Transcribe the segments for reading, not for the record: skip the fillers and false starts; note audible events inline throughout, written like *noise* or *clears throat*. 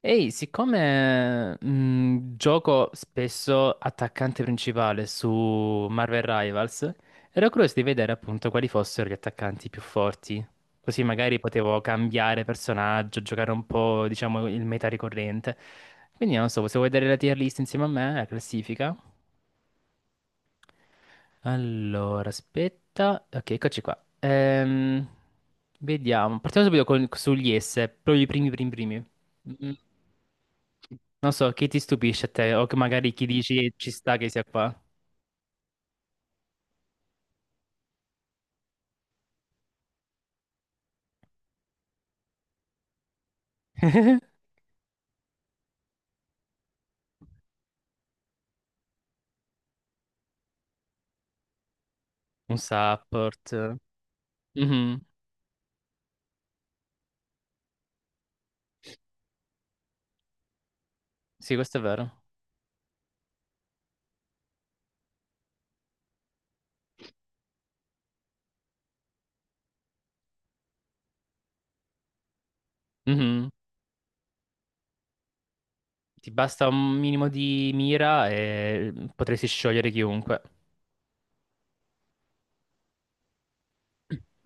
Ehi, siccome gioco spesso attaccante principale su Marvel Rivals, ero curioso di vedere appunto quali fossero gli attaccanti più forti. Così magari potevo cambiare personaggio, giocare un po', diciamo, il meta ricorrente. Quindi non so, se vuoi vedere la tier list insieme a me, la classifica. Allora, aspetta. Ok, eccoci qua. Vediamo. Partiamo subito sugli S, proprio i primi, primi, primi. Mm, Non so, chi ti stupisce a te? O che magari chi dici ci sta che sia qua? *laughs* Un support. Mhm. Sì, questo è vero. Mhm. Ti basta un minimo di mira e potresti sciogliere chiunque. *clears throat*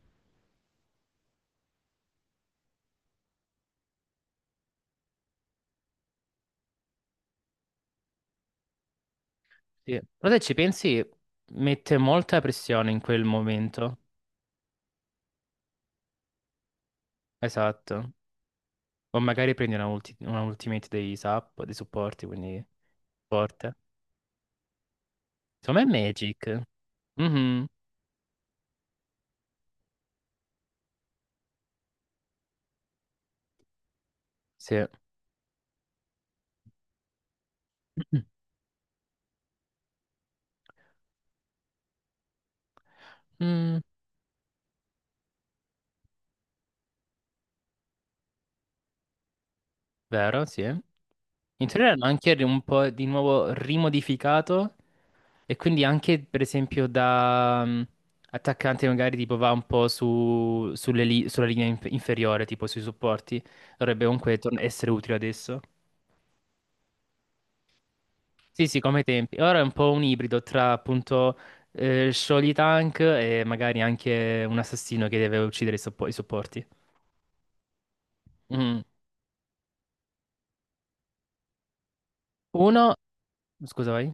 Sì. Però se ci pensi, mette molta pressione in quel momento. Esatto. O magari prendi una, una ultimate dei dei supporti, quindi forte. Secondo me è Magic. Mhm. Sì. *clears throat* Mm, vero, sì. In teoria l'hanno anche un po' di nuovo rimodificato e quindi anche per esempio da attaccante magari tipo va un po' sulle sulla linea inferiore, tipo sui supporti, dovrebbe comunque essere utile adesso. Sì, sì, come ai tempi. Ora è un po' un ibrido tra appunto Sholy Tank e magari anche un assassino che deve uccidere i supporti. Mhm. Uno, scusa, vai.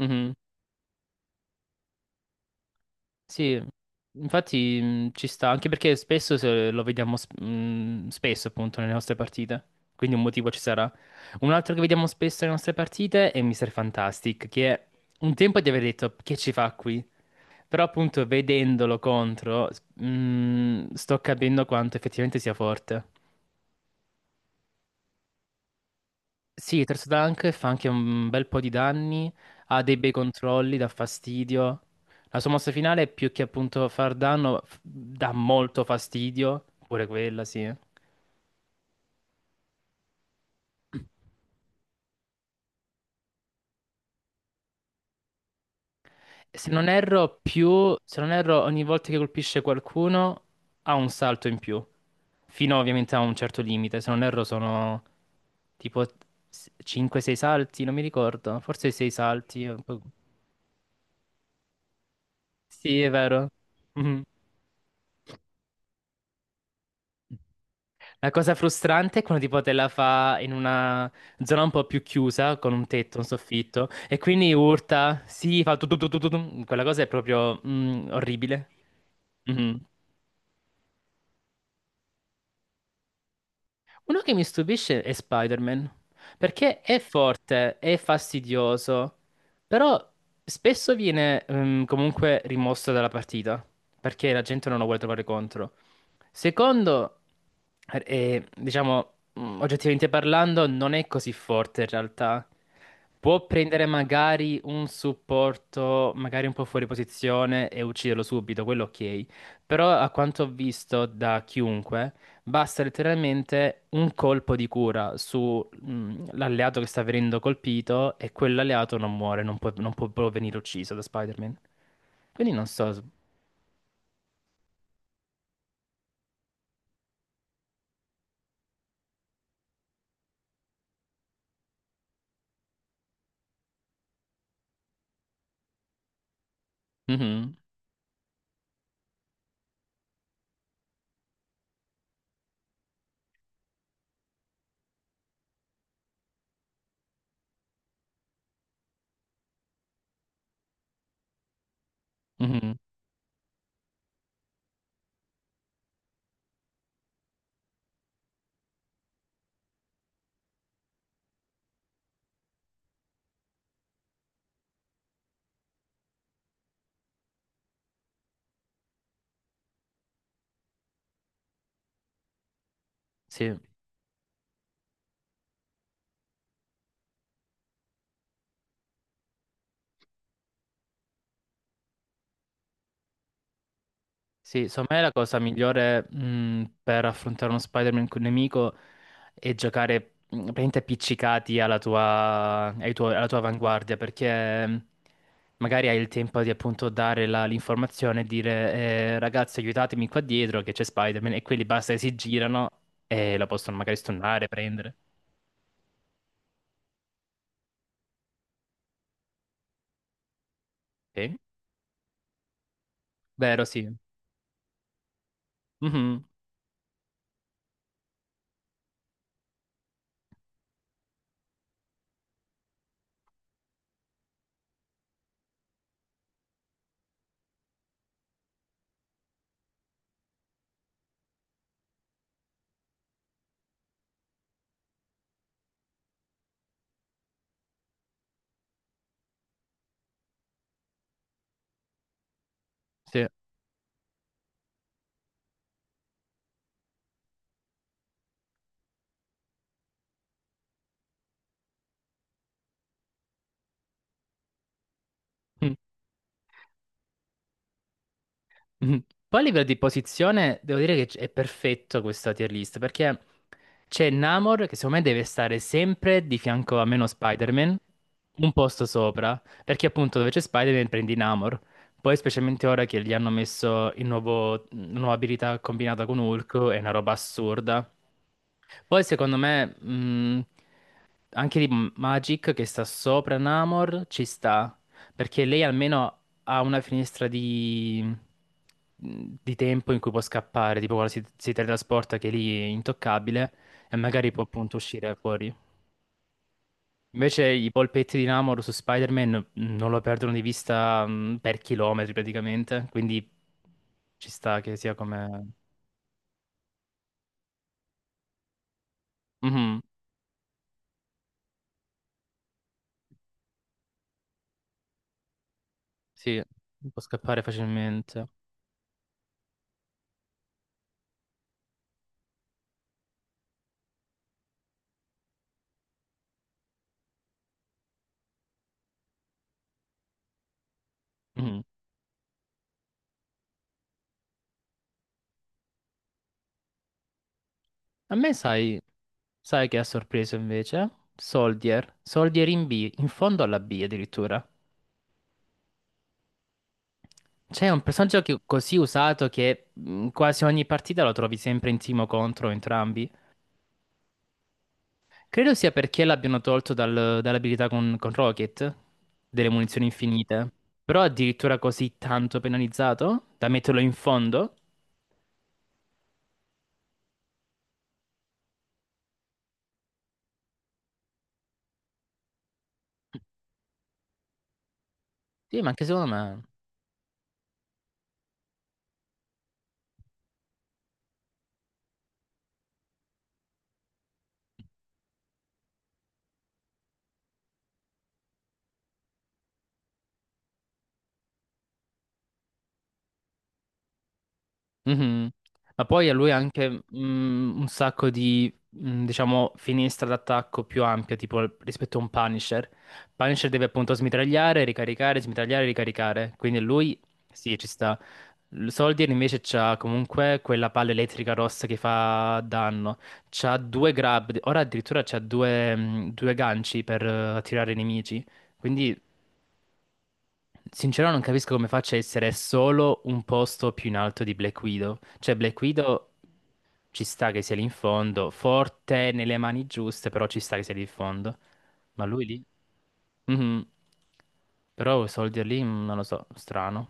Mhm. Sì, infatti ci sta, anche perché spesso se lo vediamo spesso appunto nelle nostre partite, quindi un motivo ci sarà. Un altro che vediamo spesso nelle nostre partite è Mr. Fantastic, che un tempo di aver detto che ci fa qui, però appunto vedendolo contro sto capendo quanto effettivamente sia forte. Sì, Terzo Dunk fa anche un bel po' di danni, ha dei bei controlli, dà fastidio. La sua mossa finale, più che appunto far danno, dà molto fastidio, pure quella, sì. Se non erro, ogni volta che colpisce qualcuno ha un salto in più, fino ovviamente a un certo limite. Se non erro sono tipo 5-6 salti, non mi ricordo, forse 6 salti. Un po'. Sì, è vero. Mhm. La cosa frustrante è quando tipo te la fa in una zona un po' più chiusa, con un tetto, un soffitto, e quindi urta, si fa tu tu tu tu tu, tu. Quella cosa è proprio orribile. Mhm. Uno che mi stupisce è Spider-Man, perché è forte, è fastidioso, però spesso viene comunque rimosso dalla partita, perché la gente non lo vuole trovare contro. Secondo, diciamo, oggettivamente parlando, non è così forte in realtà. Può prendere magari un supporto, magari un po' fuori posizione e ucciderlo subito, quello ok. Però a quanto ho visto da chiunque... Basta letteralmente un colpo di cura sull'alleato che sta venendo colpito e quell'alleato non muore, non può, non può proprio venire ucciso da Spider-Man. Quindi non so. Mhm, mhm, sì. Sì, secondo me la cosa migliore per affrontare uno Spider-Man con un nemico è giocare praticamente appiccicati alla tua, alla tua avanguardia, perché magari hai il tempo di appunto dare l'informazione e dire ragazzi aiutatemi qua dietro che c'è Spider-Man e quelli basta che si girano e la possono magari stunnare, prendere. Sì? Vero, sì. Mhm. Sì. Mhm. Poi a livello di posizione devo dire che è perfetto questa tier list perché c'è Namor che secondo me deve stare sempre di fianco a meno Spider-Man, un posto sopra, perché appunto dove c'è Spider-Man prendi Namor. Poi specialmente ora che gli hanno messo il nuovo, la nuova abilità combinata con Hulk, è una roba assurda. Poi secondo me anche di Magic che sta sopra Namor ci sta, perché lei almeno ha una finestra di tempo in cui può scappare, tipo quando si teletrasporta che lì è intoccabile e magari può appunto uscire fuori. Invece i polpetti di Namor su Spider-Man non lo perdono di vista per chilometri praticamente, quindi ci sta che sia come... Mhm, sì, può scappare facilmente. Mhm. A me sai, sai che ha sorpreso invece? Soldier, Soldier in B, in fondo alla B addirittura. C'è un personaggio così usato che quasi ogni partita lo trovi sempre in team o contro entrambi. Credo sia perché l'abbiano tolto dall'abilità con Rocket, delle munizioni infinite. Però addirittura così tanto penalizzato da metterlo in fondo? Sì, ma anche secondo me. Mhm. Ma poi a lui anche un sacco di, diciamo, finestra d'attacco più ampia, tipo rispetto a un Punisher. Punisher deve appunto smitragliare, ricaricare, smitragliare, ricaricare. Quindi lui, sì, ci sta. Soldier invece c'ha comunque quella palla elettrica rossa che fa danno. C'ha due grab, ora addirittura c'ha due ganci per attirare i nemici. Quindi sincero, non capisco come faccia a essere solo un posto più in alto di Black Widow. Cioè, Black Widow ci sta che sia lì in fondo, forte nelle mani giuste, però ci sta che sia lì in fondo. Ma lui lì? Mhm. Però Soldier lì, non lo so, strano.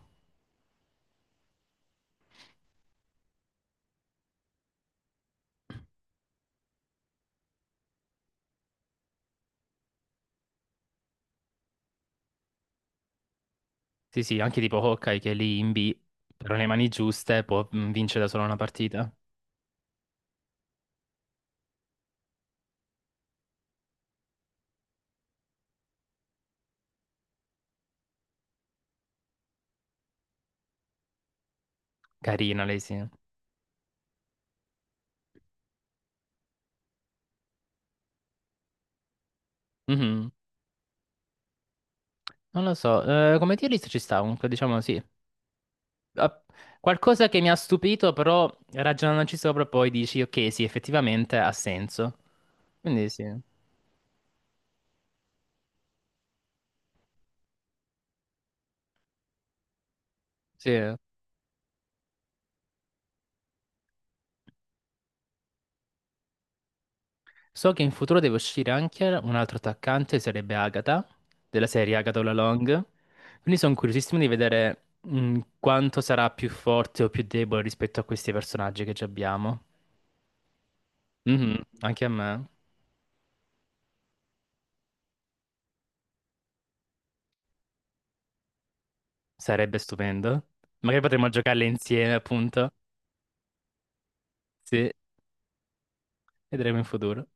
Sì, sì, anche tipo Hawkeye che è lì in B, però nelle mani giuste può mm, vincere da solo una partita. Carina lei, sì. Mhm. Non lo so, come tier list ci sta, comunque diciamo sì. Ah, qualcosa che mi ha stupito, però ragionandoci sopra poi dici, ok, sì, effettivamente ha senso. Quindi sì, sì. So che in futuro deve uscire anche un altro attaccante, sarebbe Agatha, della serie Agatha All Along. Quindi sono curiosissimo di vedere quanto sarà più forte o più debole rispetto a questi personaggi che già abbiamo. Mhm. Anche a me sarebbe stupendo. Magari potremmo giocarle insieme, appunto. Sì, vedremo in futuro.